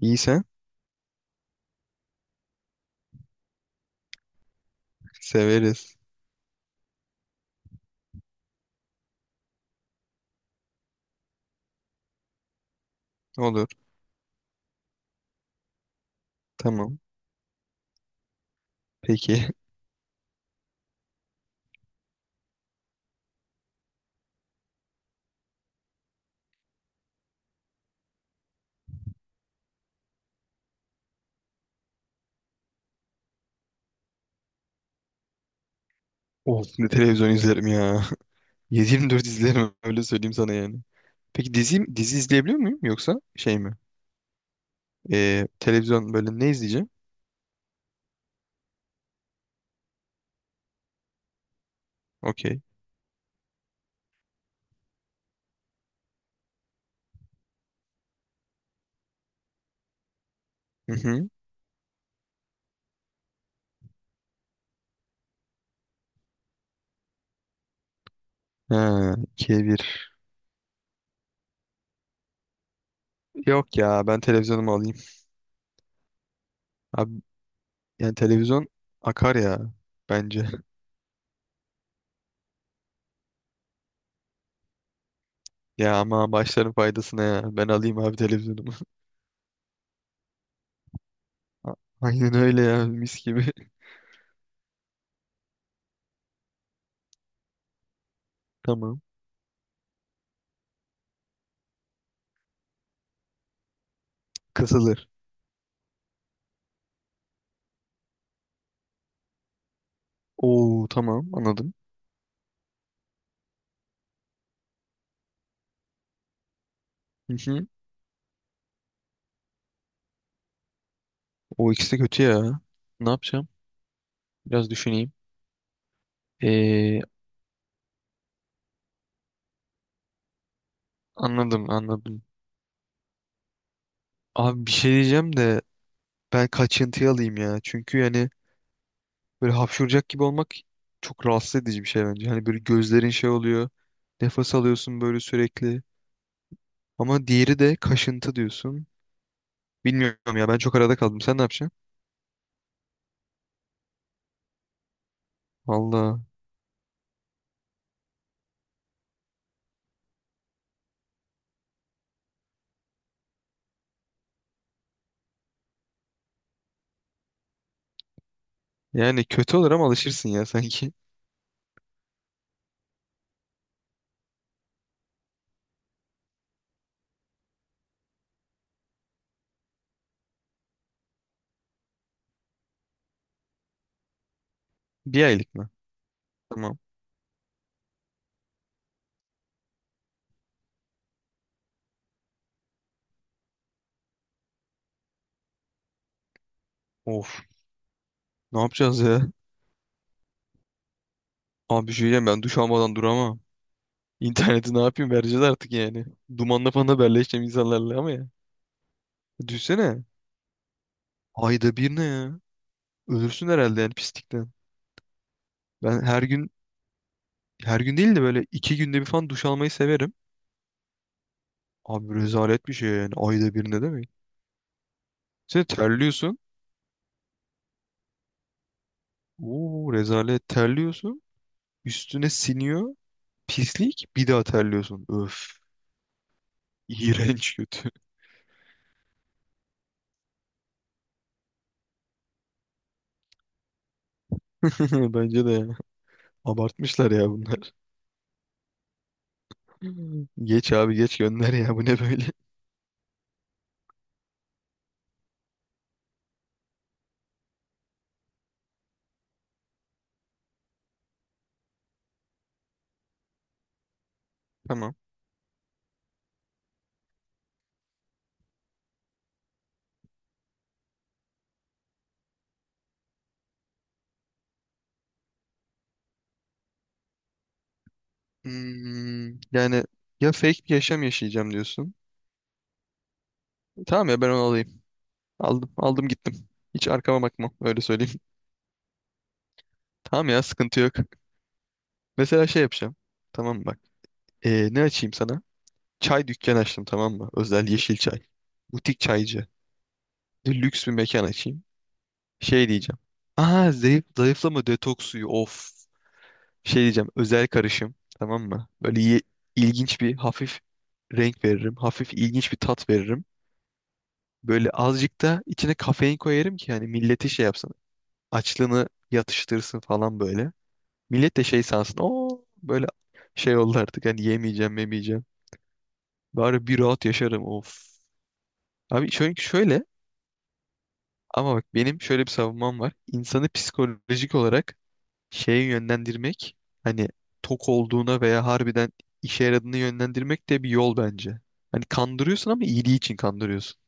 İyiyse severiz. Olur. Tamam. Peki. Of, ne televizyon izlerim ya. 7 dört izlerim, öyle söyleyeyim sana yani. Peki dizi, dizi izleyebiliyor muyum yoksa şey mi? Televizyon böyle ne izleyeceğim? Okey. Hı hı. Ha, ikiye bir. Yok ya, ben televizyonumu alayım. Abi, yani televizyon akar ya bence. Ya ama başların faydasına ya. Ben alayım abi televizyonumu. A- Aynen öyle ya, mis gibi. Tamam. Kısılır. Oo tamam, anladım. O ikisi de kötü ya. Ne yapacağım? Biraz düşüneyim. Ee, anladım, anladım. Abi bir şey diyeceğim de ben kaçıntıyı alayım ya. Çünkü yani böyle hapşuracak gibi olmak çok rahatsız edici bir şey bence. Hani böyle gözlerin şey oluyor. Nefes alıyorsun böyle sürekli. Ama diğeri de kaşıntı diyorsun. Bilmiyorum ya, ben çok arada kaldım. Sen ne yapacaksın? Valla. Yani kötü olur ama alışırsın ya sanki. Bir aylık mı? Tamam. Of. Ne yapacağız ya? Abi bir şey diyeceğim, ben duş almadan duramam. İnterneti ne yapayım, vereceğiz artık yani. Dumanla falan haberleşeceğim insanlarla ama ya. Düşünsene. Ayda bir ne ya? Ölürsün herhalde yani pislikten. Ben her gün her gün değil de böyle iki günde bir falan duş almayı severim. Abi rezalet bir şey yani. Ayda bir ne demek? Sen terliyorsun. Oo rezalet, terliyorsun. Üstüne siniyor. Pislik. Bir daha terliyorsun. Öf. İğrenç, kötü. Bence de ya. Abartmışlar ya bunlar. Geç abi, geç gönder ya. Bu ne böyle? Tamam. Hmm, yani ya fake bir yaşam yaşayacağım diyorsun. Tamam ya, ben onu alayım. Aldım, aldım, gittim. Hiç arkama bakmam, öyle söyleyeyim. Tamam ya, sıkıntı yok. Mesela şey yapacağım. Tamam mı, bak. Ne açayım sana? Çay dükkanı açtım, tamam mı? Özel yeşil çay. Butik çaycı. Lüks bir mekan açayım. Şey diyeceğim. Aa zayıf, zayıflama detoks suyu, of. Şey diyeceğim, özel karışım, tamam mı? İlginç bir hafif renk veririm. Hafif ilginç bir tat veririm. Böyle azıcık da içine kafein koyarım ki hani milleti şey yapsın. Açlığını yatıştırsın falan böyle. Millet de şey sansın. Oo böyle şey oldu artık, hani yemeyeceğim, yemeyeceğim. Bari bir rahat yaşarım, of. Abi çünkü şöyle, ama bak, benim şöyle bir savunmam var. İnsanı psikolojik olarak şeye yönlendirmek, hani tok olduğuna veya harbiden işe yaradığını yönlendirmek de bir yol bence. Hani kandırıyorsun ama iyiliği için kandırıyorsun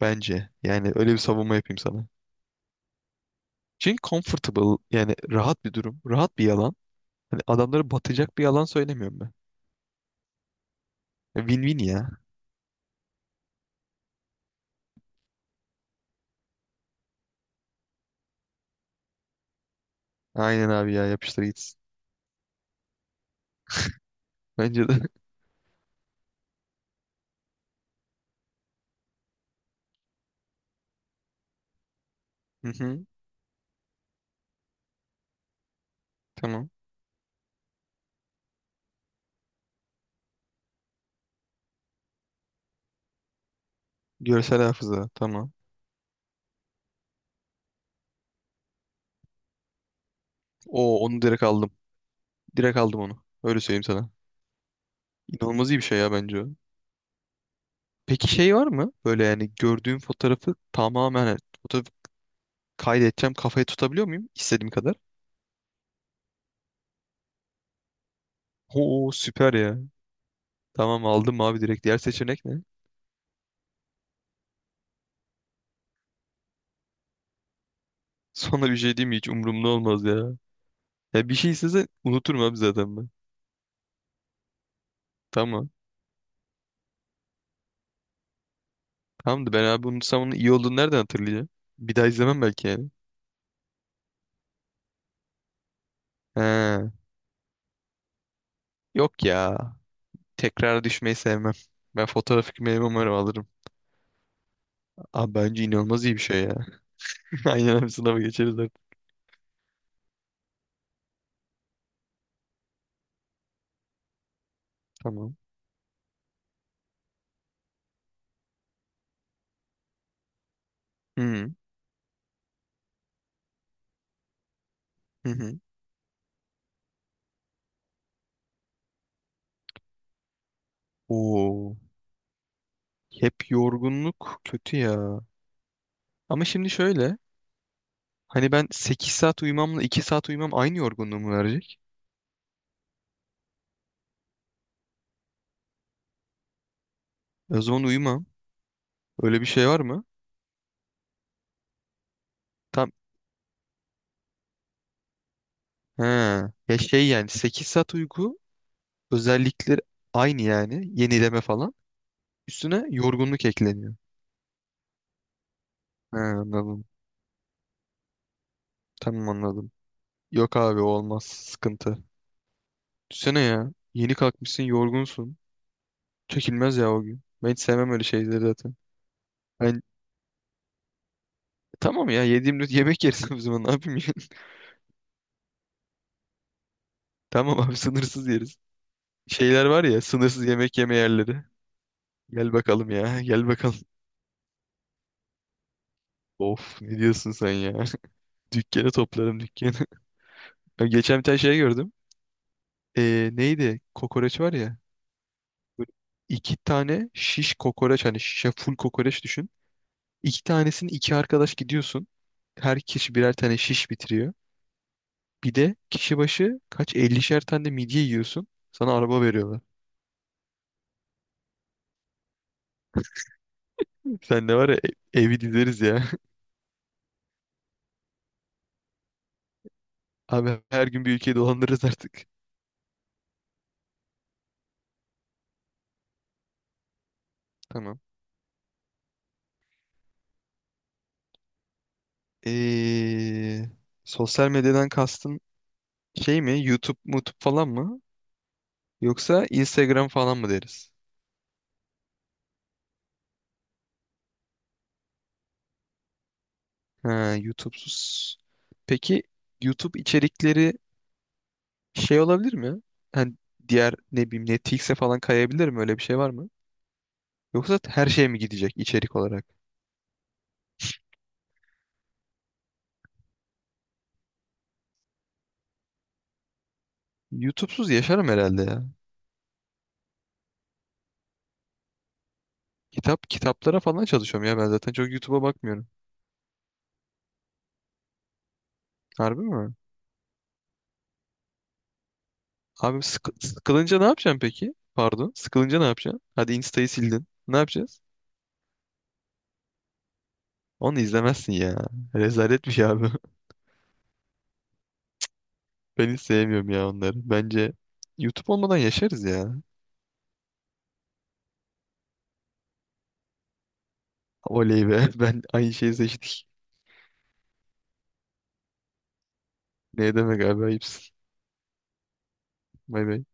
bence. Yani öyle bir savunma yapayım sana. Çünkü comfortable, yani rahat bir durum. Rahat bir yalan. Hani adamları batacak bir yalan söylemiyorum ben. Win-win ya. Aynen abi ya, yapıştır gitsin. Bence de. Hı hı, tamam. Görsel hafıza. Tamam. O, onu direkt aldım. Direkt aldım onu. Öyle söyleyeyim sana. İnanılmaz iyi bir şey ya bence o. Peki şey var mı? Böyle yani gördüğüm fotoğrafı tamamen, hani fotoğrafı kaydedeceğim, kafayı tutabiliyor muyum istediğim kadar? Oo süper ya. Tamam, aldım abi direkt. Diğer seçenek ne? Sonra bir şey diyeyim mi? Hiç umurumda olmaz ya. Ya bir şey istese unuturum abi zaten ben. Tamam. Tamam da ben abi unutsam onun iyi olduğunu nereden hatırlayacağım? Bir daha izlemem belki yani. He. Yok ya. Tekrar düşmeyi sevmem. Ben fotoğrafik meyve umarım alırım. Abi bence inanılmaz iyi bir şey ya. Aynen abi, sınava geçeriz artık. Tamam. Hı hı. Hı. Oo. Hep yorgunluk kötü ya. Ama şimdi şöyle. Hani ben 8 saat uyumamla 2 saat uyumam aynı yorgunluğumu verecek. E, o zaman uyumam. Öyle bir şey var mı? Tam. He. Ya şey, yani 8 saat uyku özellikleri aynı yani. Yenileme falan. Üstüne yorgunluk ekleniyor. He, anladım. Tamam, anladım. Yok abi, o olmaz. Sıkıntı. Düşsene ya. Yeni kalkmışsın, yorgunsun. Çekilmez ya o gün. Ben hiç sevmem öyle şeyleri zaten. Ben, tamam ya, yediğim yemek yeriz o zaman, ne yapayım ya. Tamam abi, sınırsız yeriz. Şeyler var ya, sınırsız yemek yeme yerleri. Gel bakalım ya, gel bakalım. Of, ne diyorsun sen ya. Dükkanı toplarım, dükkanı. Ya geçen bir tane şey gördüm. Neydi? Kokoreç var ya. Böyle iki tane şiş kokoreç, hani şişe full kokoreç düşün. İki tanesini iki arkadaş gidiyorsun. Her kişi birer tane şiş bitiriyor. Bir de kişi başı kaç, ellişer tane de midye yiyorsun. Sana araba veriyorlar. Sen de var ya, evi dizeriz ya. Abi her gün bir ülkeyi dolandırırız artık. Tamam. Ee, sosyal medyadan kastın şey mi? YouTube, YouTube falan mı? Yoksa Instagram falan mı deriz? Ha, YouTube'suz. Peki YouTube içerikleri şey olabilir mi ya? Hani diğer, ne bileyim, Netflix'e falan kayabilir mi? Öyle bir şey var mı? Yoksa her şeye mi gidecek içerik olarak? YouTube'suz yaşarım herhalde ya. Kitap, kitaplara falan çalışıyorum ya, ben zaten çok YouTube'a bakmıyorum. Harbi mi? Abi sıkılınca ne yapacaksın peki? Pardon. Sıkılınca ne yapacaksın? Hadi Insta'yı sildin. Ne yapacağız? Onu izlemezsin ya. Rezalet bir şey abi. Ben hiç sevmiyorum ya onları. Bence YouTube olmadan yaşarız ya. Oley be. Ben aynı şeyi seçtik. Ne demek abi, ayıpsın. Bay bay.